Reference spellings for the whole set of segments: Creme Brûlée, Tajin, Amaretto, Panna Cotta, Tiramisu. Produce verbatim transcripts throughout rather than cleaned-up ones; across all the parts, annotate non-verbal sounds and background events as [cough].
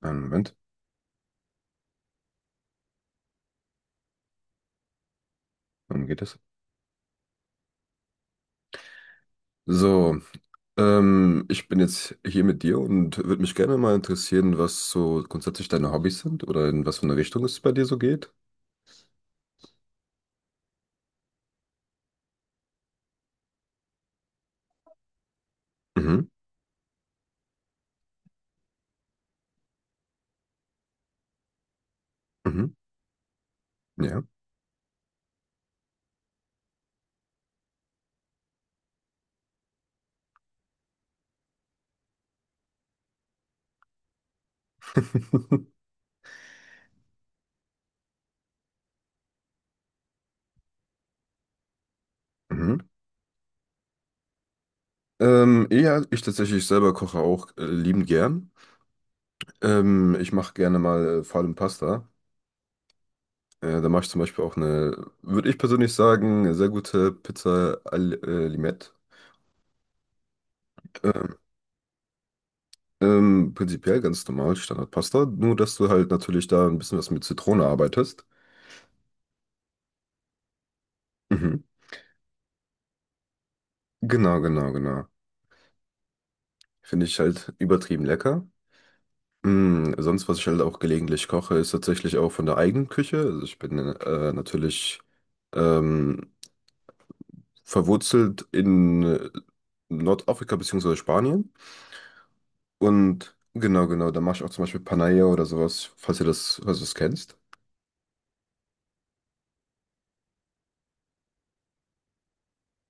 Einen Moment, wann geht das? So, ähm, ich bin jetzt hier mit dir und würde mich gerne mal interessieren, was so grundsätzlich deine Hobbys sind oder in was für eine Richtung es bei dir so geht. Mhm, mhm, ja. [laughs] Mhm. Ähm, ja, ich tatsächlich selber koche auch äh, liebend gern. Ähm, ich mache gerne mal äh, vor allem Pasta. Äh, da mache ich zum Beispiel auch eine, würde ich persönlich sagen, eine sehr gute Pizza al äh, Limette. Ähm, Ähm, prinzipiell ganz normal, Standardpasta, nur dass du halt natürlich da ein bisschen was mit Zitrone arbeitest. Mhm. Genau, genau, genau. Finde ich halt übertrieben lecker. Mm, sonst, was ich halt auch gelegentlich koche, ist tatsächlich auch von der eigenen Küche. Also ich bin äh, natürlich ähm, verwurzelt in äh, Nordafrika bzw. Spanien. Und genau, genau, da mache ich auch zum Beispiel Panaya oder sowas, falls ihr das, falls du das kennst.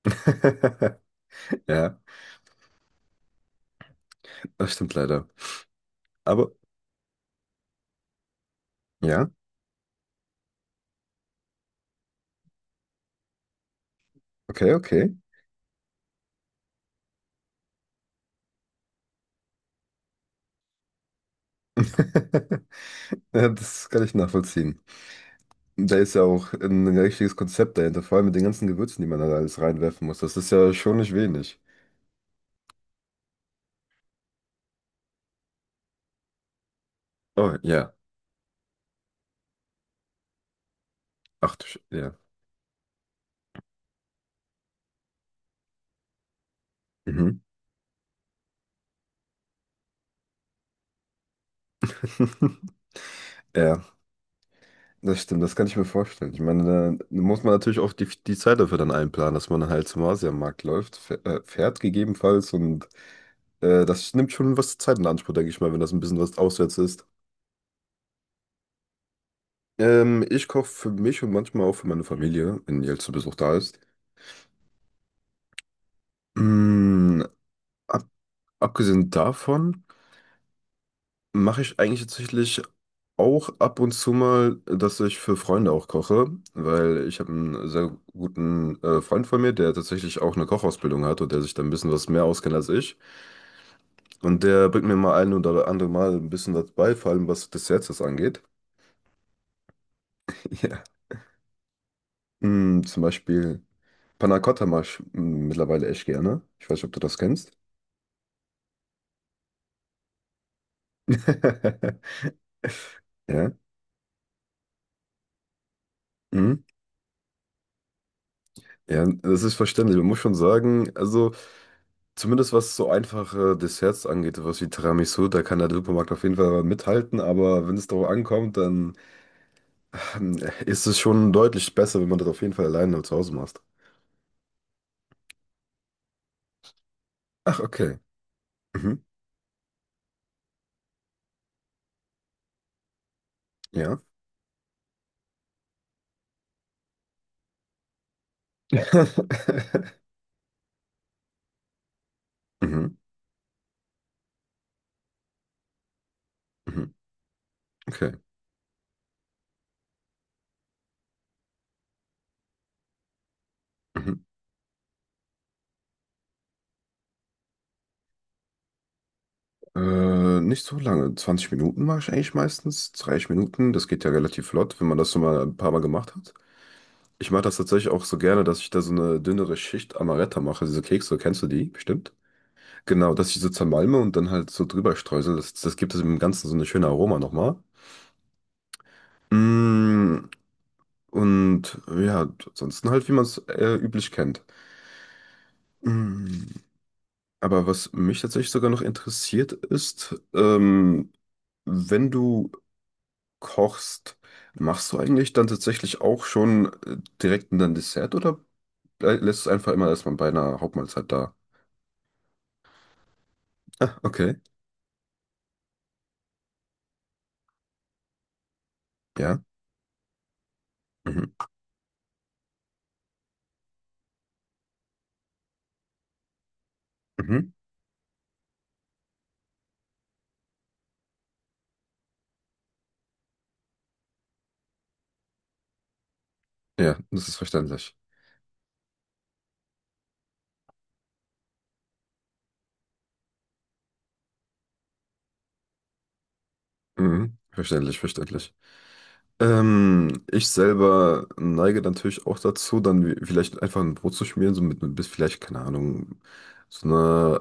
[laughs] Ja, das stimmt leider. Aber ja, okay, okay. [laughs] Ja, das kann ich nachvollziehen. Da ist ja auch ein ein richtiges Konzept dahinter, vor allem mit den ganzen Gewürzen, die man da alles reinwerfen muss. Das ist ja schon nicht wenig. Oh, ja. Ach du Sch ja. Mhm. [laughs] Ja, das stimmt, das kann ich mir vorstellen. Ich meine, da muss man natürlich auch die, die Zeit dafür dann einplanen, dass man halt zum Asiamarkt läuft, fäh- äh, fährt gegebenenfalls und äh, das nimmt schon was Zeit in Anspruch, denke ich mal, wenn das ein bisschen was auswärts ist. Ähm, ich koche für mich und manchmal auch für meine Familie, wenn die halt zu Besuch da ist. Mm, Abgesehen davon mache ich eigentlich tatsächlich auch ab und zu mal, dass ich für Freunde auch koche, weil ich habe einen sehr guten äh, Freund von mir, der tatsächlich auch eine Kochausbildung hat und der sich da ein bisschen was mehr auskennt als ich. Und der bringt mir mal ein oder andere Mal ein bisschen was bei, vor allem was Desserts das angeht. [laughs] Ja. Mm, zum Beispiel Panna Cotta mache ich mm, mittlerweile echt gerne. Ich weiß nicht, ob du das kennst. [laughs] Ja. Mhm. Ja, das ist verständlich. Man muss schon sagen, also. Zumindest was so einfache Desserts angeht, was wie Tiramisu, da kann der Supermarkt auf jeden Fall mithalten, aber wenn es darauf ankommt, dann ähm, ist es schon deutlich besser, wenn man das auf jeden Fall alleine zu Hause macht. Ach, okay. Mhm. Ja. [laughs] Mhm. Mhm. Okay. Mhm. Äh, nicht so lange. zwanzig Minuten mache ich eigentlich meistens. dreißig Minuten, das geht ja relativ flott, wenn man das schon mal ein paar Mal gemacht hat. Ich mache das tatsächlich auch so gerne, dass ich da so eine dünnere Schicht Amaretto mache. Diese Kekse, kennst du die? Bestimmt. Genau, dass ich so zermalme und dann halt so drüber streusel. Das, das gibt es im Ganzen so eine schöne Aroma nochmal. Mm, und ja, ansonsten halt, wie man es äh, üblich kennt. Mm, aber was mich tatsächlich sogar noch interessiert ist, ähm, wenn du kochst, machst du eigentlich dann tatsächlich auch schon äh, direkt ein Dessert oder blei- lässt es einfach immer erstmal bei einer Hauptmahlzeit da? Ah, okay. Ja. Mhm. Mhm. Ja, das ist verständlich. Mhm. Verständlich, verständlich. Ähm, ich selber neige natürlich auch dazu, dann wie- vielleicht einfach ein Brot zu schmieren, so mit, mit bis vielleicht, keine Ahnung, so einer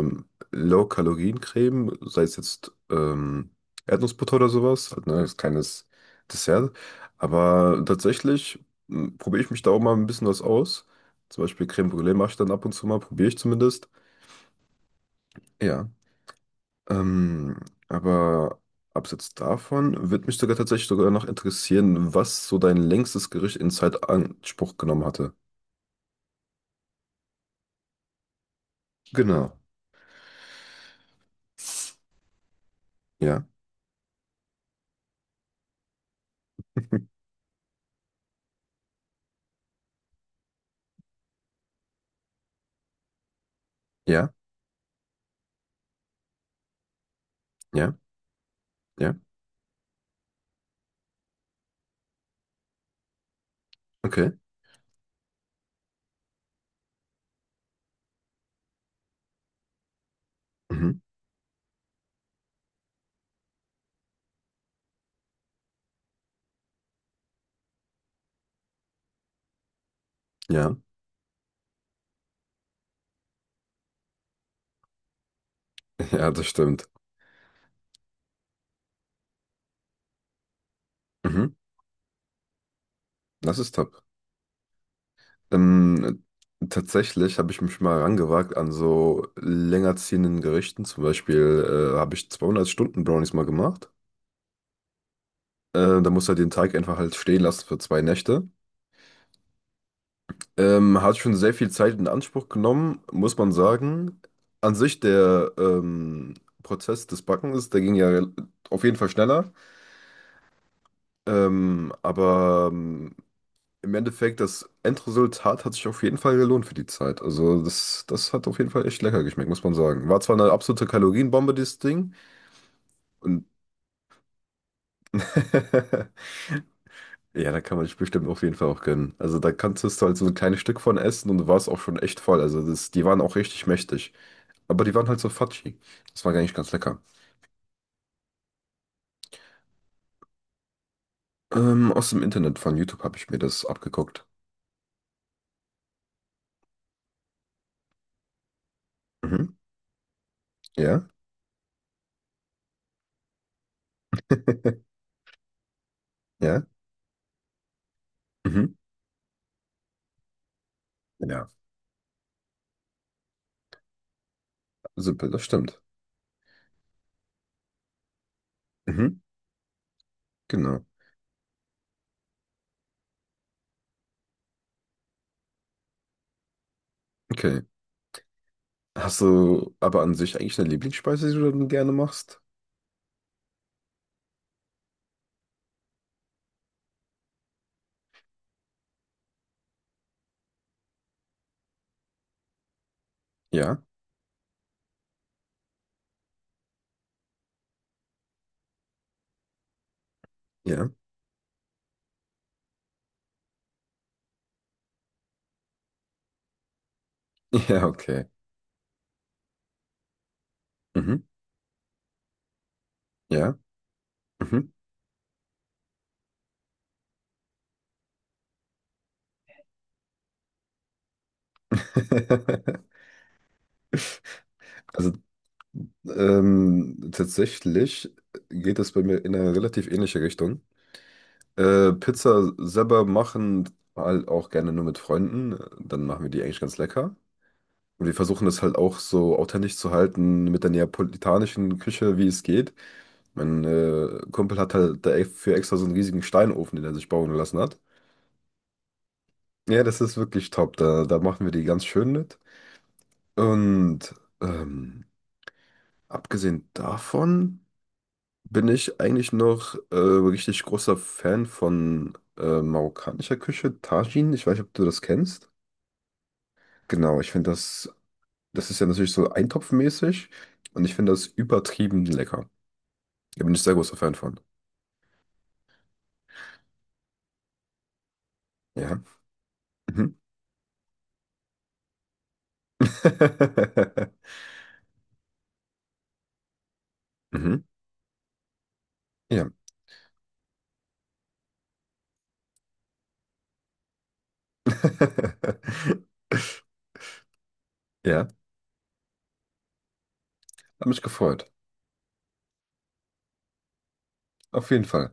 ähm, Low-Kalorien-Creme, sei es jetzt ähm, Erdnussbutter oder sowas, halt, ne, als kleines Dessert. Aber tatsächlich m, probiere ich mich da auch mal ein bisschen was aus. Zum Beispiel Creme Brûlée mache ich dann ab und zu mal, probiere ich zumindest. Ja. Ähm, aber abseits davon würde mich sogar tatsächlich sogar noch interessieren, was so dein längstes Gericht in Zeit Anspruch genommen hatte. Genau. Ja, ja, ja, ja. Okay. Mhm. Ja, [laughs] ja, das stimmt. Mhm. Das ist top. Ähm, tatsächlich habe ich mich mal rangewagt an so länger ziehenden Gerichten. Zum Beispiel äh, habe ich zweihundert Stunden Brownies mal gemacht. Äh, da musst du halt den Teig einfach halt stehen lassen für zwei Nächte. Ähm, hat schon sehr viel Zeit in Anspruch genommen, muss man sagen. An sich der ähm, Prozess des Backens, der ging ja auf jeden Fall schneller. Ähm, aber ähm, im Endeffekt, das Endresultat hat sich auf jeden Fall gelohnt für die Zeit. Also das, das hat auf jeden Fall echt lecker geschmeckt, muss man sagen. War zwar eine absolute Kalorienbombe, dieses Ding. Und [laughs] ja, da kann man sich bestimmt auf jeden Fall auch gönnen. Also da kannst du halt so ein kleines Stück von essen und du warst auch schon echt voll. Also das, die waren auch richtig mächtig. Aber die waren halt so fudgy. Das war gar nicht ganz lecker. Ähm, aus dem Internet von YouTube habe ich mir das abgeguckt. Mhm. Ja. [laughs] Ja. Mhm. Ja. Simpel, das stimmt. Mhm. Genau. Okay. Hast du aber an sich eigentlich eine Lieblingsspeise, die du dann gerne machst? Ja. Ja. [laughs] Ja, okay. Mhm. Ja. Mhm. [laughs] Also ähm, tatsächlich geht es bei mir in eine relativ ähnliche Richtung. Äh, Pizza selber machen halt auch gerne nur mit Freunden. Dann machen wir die eigentlich ganz lecker. Und wir versuchen das halt auch so authentisch zu halten mit der neapolitanischen Küche, wie es geht. Mein äh, Kumpel hat halt dafür extra so einen riesigen Steinofen, den er sich bauen lassen hat. Ja, das ist wirklich top. Da, da machen wir die ganz schön mit. Und ähm, abgesehen davon bin ich eigentlich noch äh, richtig großer Fan von äh, marokkanischer Küche, Tajin. Ich weiß nicht, ob du das kennst. Genau, ich finde das, das ist ja natürlich so eintopfmäßig und ich finde das übertrieben lecker. Da bin ich sehr großer Fan von. Ja. Mhm. [laughs] Mhm. Ja. [laughs] Ja, hat mich gefreut. Auf jeden Fall.